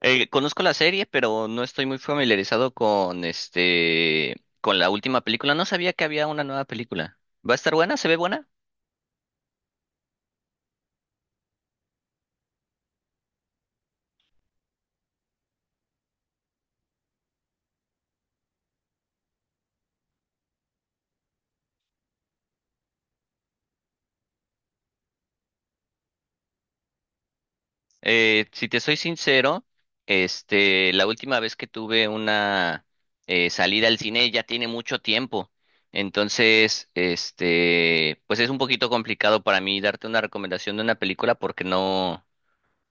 Conozco la serie, pero no estoy muy familiarizado con con la última película. No sabía que había una nueva película. ¿Va a estar buena? ¿Se ve buena? Si te soy sincero, la última vez que tuve una salida al cine ya tiene mucho tiempo. Entonces, este, pues es un poquito complicado para mí darte una recomendación de una película porque no.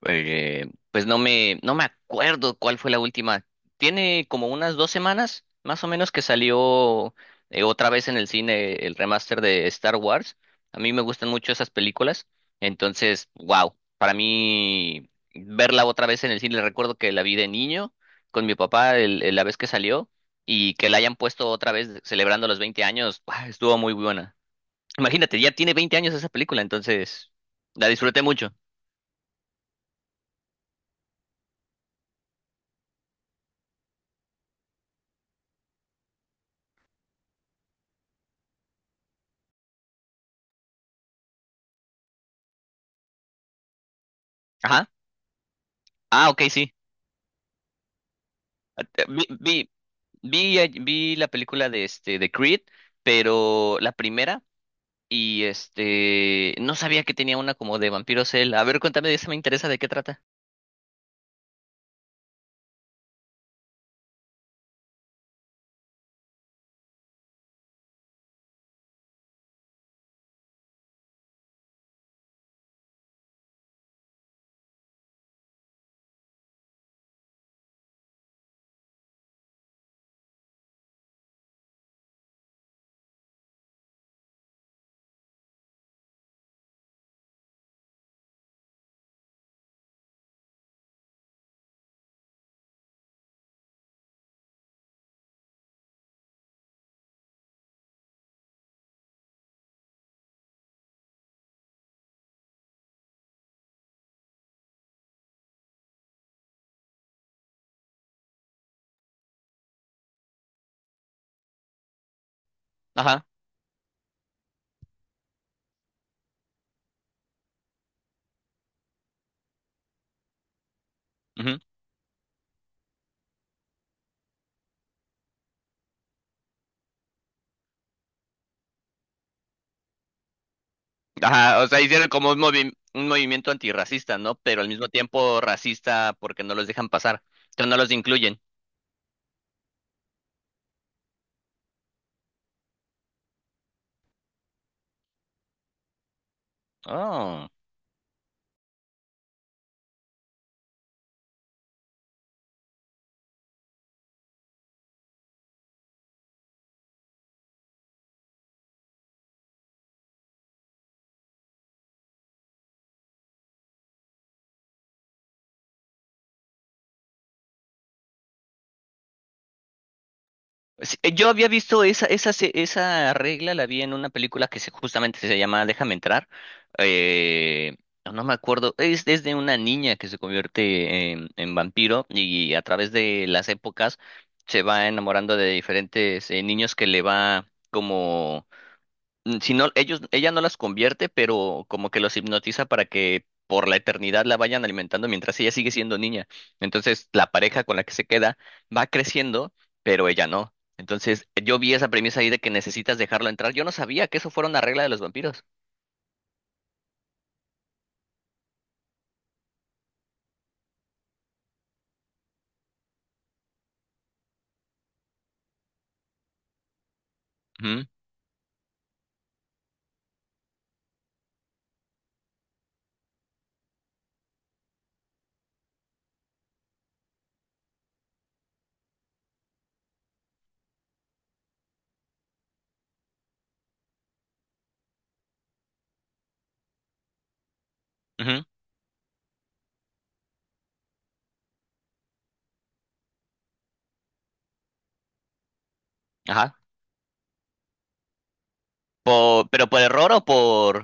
Eh, pues no me acuerdo cuál fue la última. Tiene como unas dos semanas, más o menos, que salió otra vez en el cine el remaster de Star Wars. A mí me gustan mucho esas películas. Entonces, wow, para mí verla otra vez en el cine, recuerdo que la vi de niño con mi papá la vez que salió y que la hayan puesto otra vez celebrando los 20 años, ¡guau! Estuvo muy buena. Imagínate, ya tiene 20 años esa película, entonces la disfruté mucho. Ajá. Ah, ok, sí. Vi, vi, Vi la película de este de Creed, pero la primera, y este no sabía que tenía una como de vampiros él. A ver, cuéntame, de esa me interesa de qué trata. Ajá. Ujú. Ajá, o sea, hicieron como un un movimiento antirracista, ¿no? Pero al mismo tiempo racista porque no los dejan pasar, entonces no los incluyen. Oh. Sí, yo había visto esa regla, la vi en una película que se, justamente se llama Déjame Entrar. Eh, no no me acuerdo, es de una niña que se convierte en vampiro y a través de las épocas se va enamorando de diferentes niños que le va como mm, si no, ellos, ella no las convierte, pero como que los hipnotiza para que por la eternidad la vayan alimentando mientras ella sigue siendo niña. Entonces, la pareja con la que se queda va creciendo, pero ella no. Entonces, yo vi esa premisa ahí de que necesitas dejarlo entrar. Yo no sabía que eso fuera una regla de los vampiros. Ujú, ujú, ajá. Pero ¿por error o por...?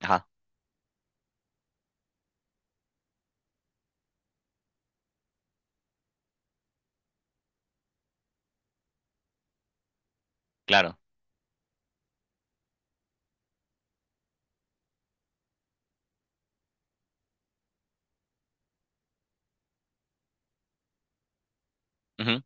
Ajá, claro. Ujú.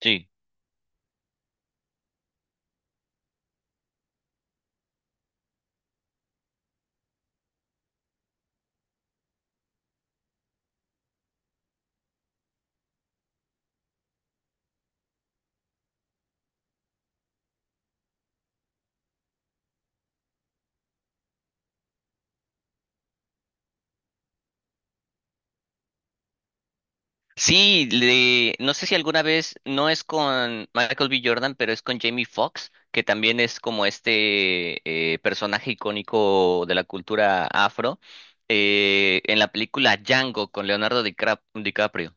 Sí. Sí, le, no sé si alguna vez, no es con Michael B. Jordan, pero es con Jamie Foxx, que también es como este personaje icónico de la cultura afro, en la película Django con Leonardo DiCaprio.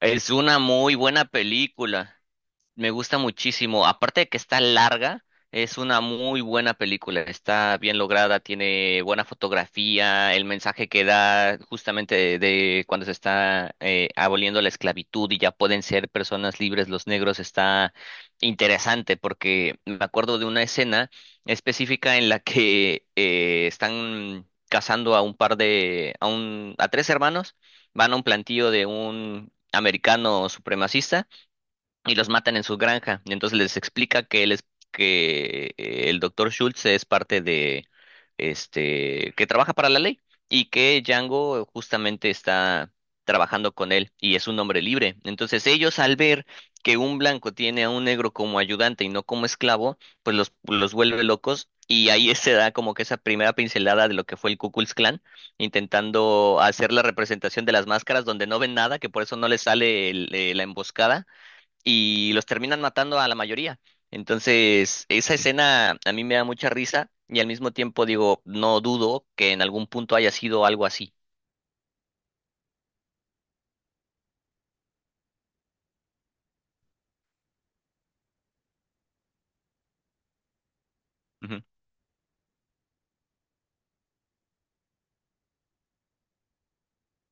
Es una muy buena película. Me gusta muchísimo. Aparte de que está larga, es una muy buena película. Está bien lograda, tiene buena fotografía, el mensaje que da justamente de cuando se está aboliendo la esclavitud y ya pueden ser personas libres los negros está interesante porque me acuerdo de una escena específica en la que están cazando a un par de, a un, a tres hermanos, van a un plantío de un americano supremacista y los matan en su granja. Y entonces les explica que él es, que el doctor Schultz es parte de, este, que trabaja para la ley y que Django justamente está trabajando con él y es un hombre libre. Entonces ellos al ver que un blanco tiene a un negro como ayudante y no como esclavo, pues los vuelve locos. Y ahí se da como que esa primera pincelada de lo que fue el Ku Klux Klan, intentando hacer la representación de las máscaras donde no ven nada, que por eso no les sale la emboscada, y los terminan matando a la mayoría. Entonces, esa escena a mí me da mucha risa y al mismo tiempo digo, no dudo que en algún punto haya sido algo así. Ujú,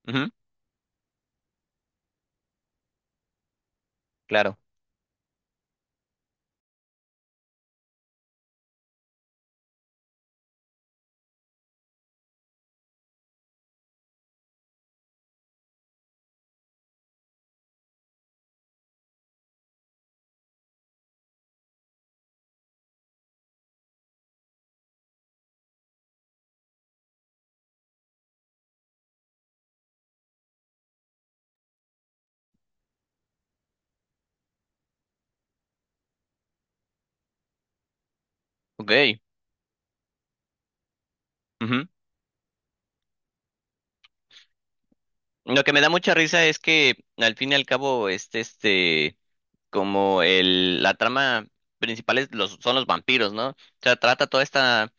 ujú, claro, ok. Ujú. Lo que me da mucha risa es que al fin y al cabo, como el, la trama principal es los, son los vampiros, ¿no? O sea, trata toda esta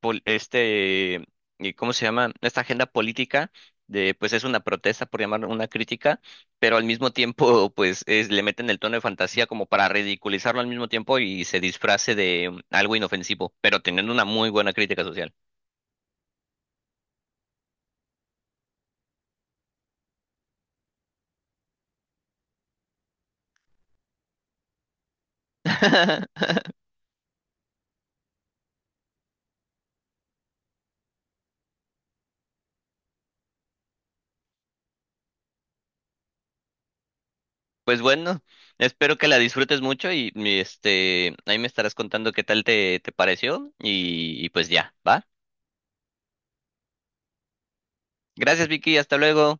pol- este, ¿cómo se llama? Esta agenda política de, pues es una protesta, por llamar una crítica, pero al mismo tiempo, pues es, le meten el tono de fantasía como para ridiculizarlo al mismo tiempo y se disfrace de mm, algo inofensivo, pero teniendo una muy buena crítica social. Pues bueno, espero que la disfrutes mucho y mi, este, ahí me estarás contando qué tal te, te pareció y pues ya, ¿va? Gracias, Vicky, hasta luego.